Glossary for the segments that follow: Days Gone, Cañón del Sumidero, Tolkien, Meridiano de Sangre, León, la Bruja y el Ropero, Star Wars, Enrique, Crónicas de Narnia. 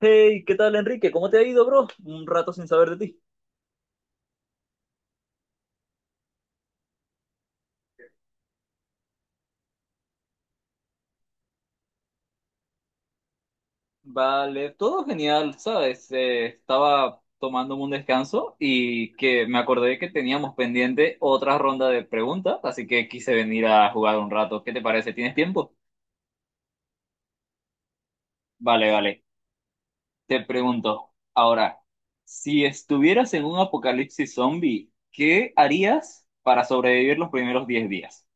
Hey, ¿qué tal, Enrique? ¿Cómo te ha ido, bro? Un rato sin saber de ti. Vale, todo genial, ¿sabes? Estaba tomándome un descanso y que me acordé que teníamos pendiente otra ronda de preguntas, así que quise venir a jugar un rato. ¿Qué te parece? ¿Tienes tiempo? Vale, vale. Te pregunto, ahora, si estuvieras en un apocalipsis zombie, ¿qué harías para sobrevivir los primeros 10 días?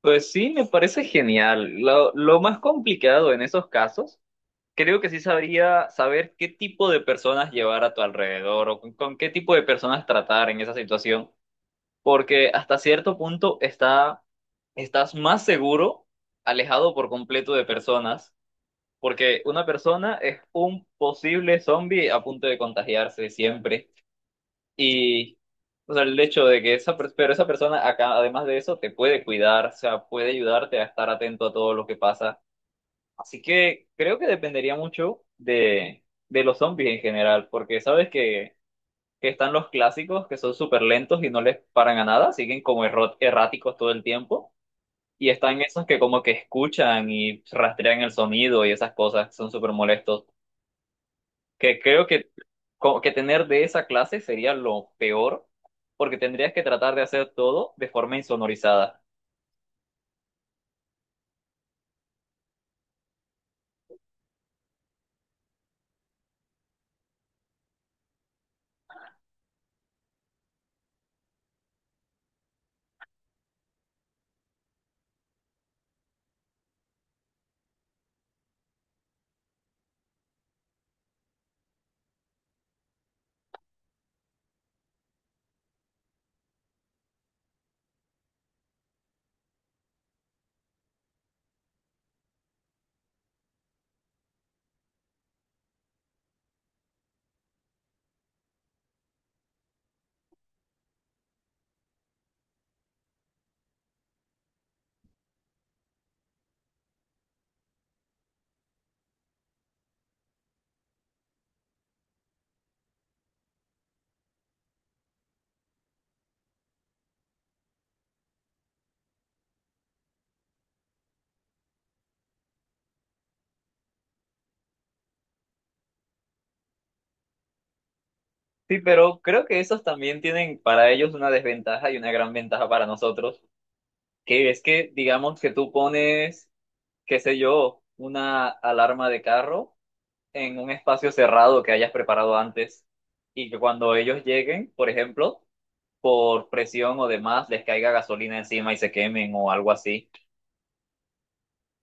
Pues sí, me parece genial. Lo más complicado en esos casos creo que sí sabría saber qué tipo de personas llevar a tu alrededor o con qué tipo de personas tratar en esa situación, porque hasta cierto punto estás más seguro alejado por completo de personas, porque una persona es un posible zombie a punto de contagiarse siempre. Y, o sea, el hecho de que pero esa persona acá, además de eso, te puede cuidar, o sea, puede ayudarte a estar atento a todo lo que pasa. Así que creo que dependería mucho de los zombies en general, porque sabes que están los clásicos que son súper lentos y no les paran a nada, siguen como erráticos todo el tiempo, y están esos que como que escuchan y rastrean el sonido y esas cosas, son súper molestos, que creo que tener de esa clase sería lo peor, porque tendrías que tratar de hacer todo de forma insonorizada. Sí, pero creo que esos también tienen para ellos una desventaja y una gran ventaja para nosotros, que es que digamos que tú pones, qué sé yo, una alarma de carro en un espacio cerrado que hayas preparado antes y que cuando ellos lleguen, por ejemplo, por presión o demás, les caiga gasolina encima y se quemen o algo así.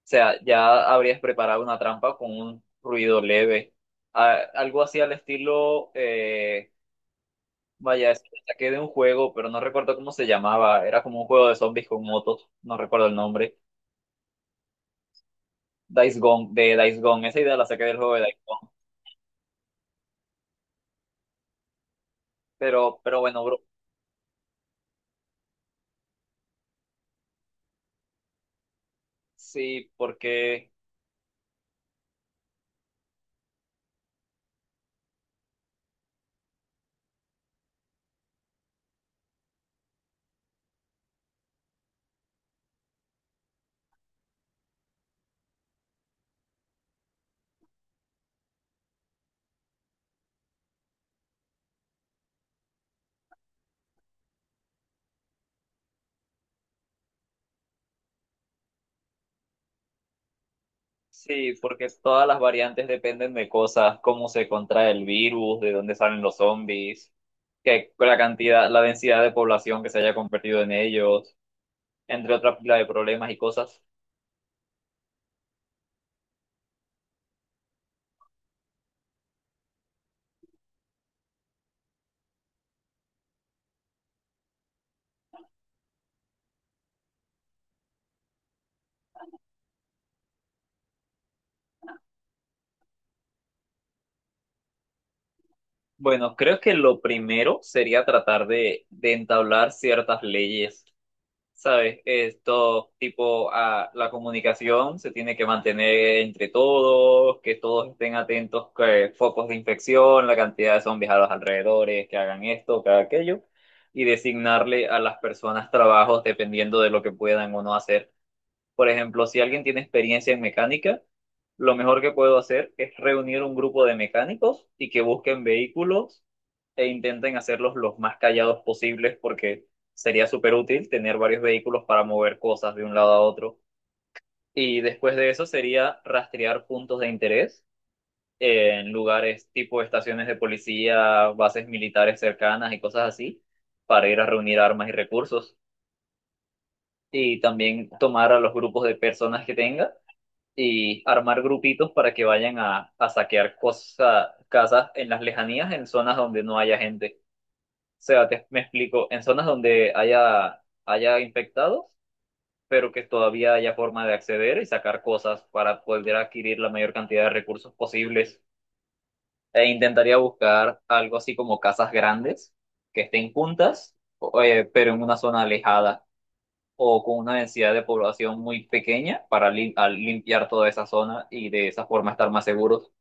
O sea, ya habrías preparado una trampa con un ruido leve. Algo así al estilo, es que saqué de un juego, pero no recuerdo cómo se llamaba. Era como un juego de zombies con motos, no recuerdo el nombre. Days Gone, de Days Gone. Esa idea la saqué del juego de Days Gone. Pero bueno, bro, sí, porque todas las variantes dependen de cosas, cómo se contrae el virus, de dónde salen los zombies, que la cantidad, la densidad de población que se haya convertido en ellos, entre otra pila de problemas y cosas. Bueno, creo que lo primero sería tratar de entablar ciertas leyes. ¿Sabes? Esto, tipo, a la comunicación se tiene que mantener entre todos, que todos estén atentos, que focos de infección, la cantidad de zombies a los alrededores, que hagan esto, que hagan aquello, y designarle a las personas trabajos dependiendo de lo que puedan o no hacer. Por ejemplo, si alguien tiene experiencia en mecánica, lo mejor que puedo hacer es reunir un grupo de mecánicos y que busquen vehículos e intenten hacerlos los más callados posibles porque sería súper útil tener varios vehículos para mover cosas de un lado a otro. Y después de eso sería rastrear puntos de interés en lugares tipo estaciones de policía, bases militares cercanas y cosas así, para ir a reunir armas y recursos. Y también tomar a los grupos de personas que tenga y armar grupitos para que vayan a saquear cosas, casas en las lejanías, en zonas donde no haya gente. O sea, me explico, en zonas donde haya infectados, pero que todavía haya forma de acceder y sacar cosas para poder adquirir la mayor cantidad de recursos posibles. E intentaría buscar algo así como casas grandes, que estén juntas, pero en una zona alejada o con una densidad de población muy pequeña para al limpiar toda esa zona y de esa forma estar más seguros.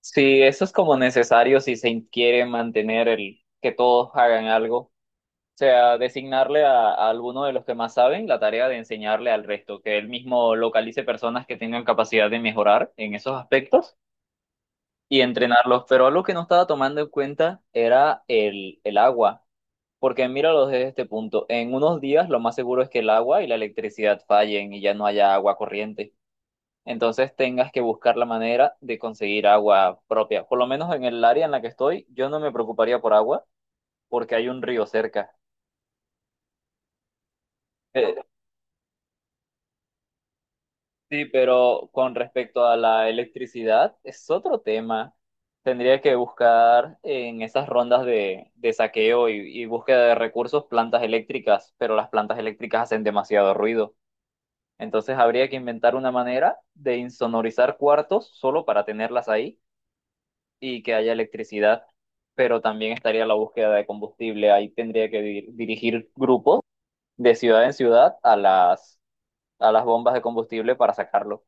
Sí, eso es como necesario si se quiere mantener el que todos hagan algo. O sea, designarle a alguno de los que más saben la tarea de enseñarle al resto, que él mismo localice personas que tengan capacidad de mejorar en esos aspectos y entrenarlos. Pero algo que no estaba tomando en cuenta era el agua. Porque míralo desde este punto, en unos días lo más seguro es que el agua y la electricidad fallen y ya no haya agua corriente. Entonces tengas que buscar la manera de conseguir agua propia. Por lo menos en el área en la que estoy, yo no me preocuparía por agua porque hay un río cerca. Eh, sí, pero con respecto a la electricidad, es otro tema. Tendría que buscar en esas rondas de saqueo y búsqueda de recursos plantas eléctricas, pero las plantas eléctricas hacen demasiado ruido. Entonces habría que inventar una manera de insonorizar cuartos solo para tenerlas ahí y que haya electricidad, pero también estaría la búsqueda de combustible. Ahí tendría que dirigir grupos de ciudad en ciudad a a las bombas de combustible para sacarlo.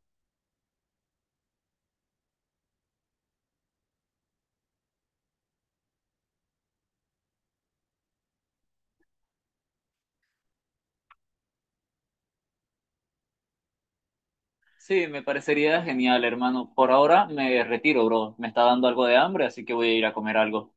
Sí, me parecería genial, hermano. Por ahora me retiro, bro. Me está dando algo de hambre, así que voy a ir a comer algo.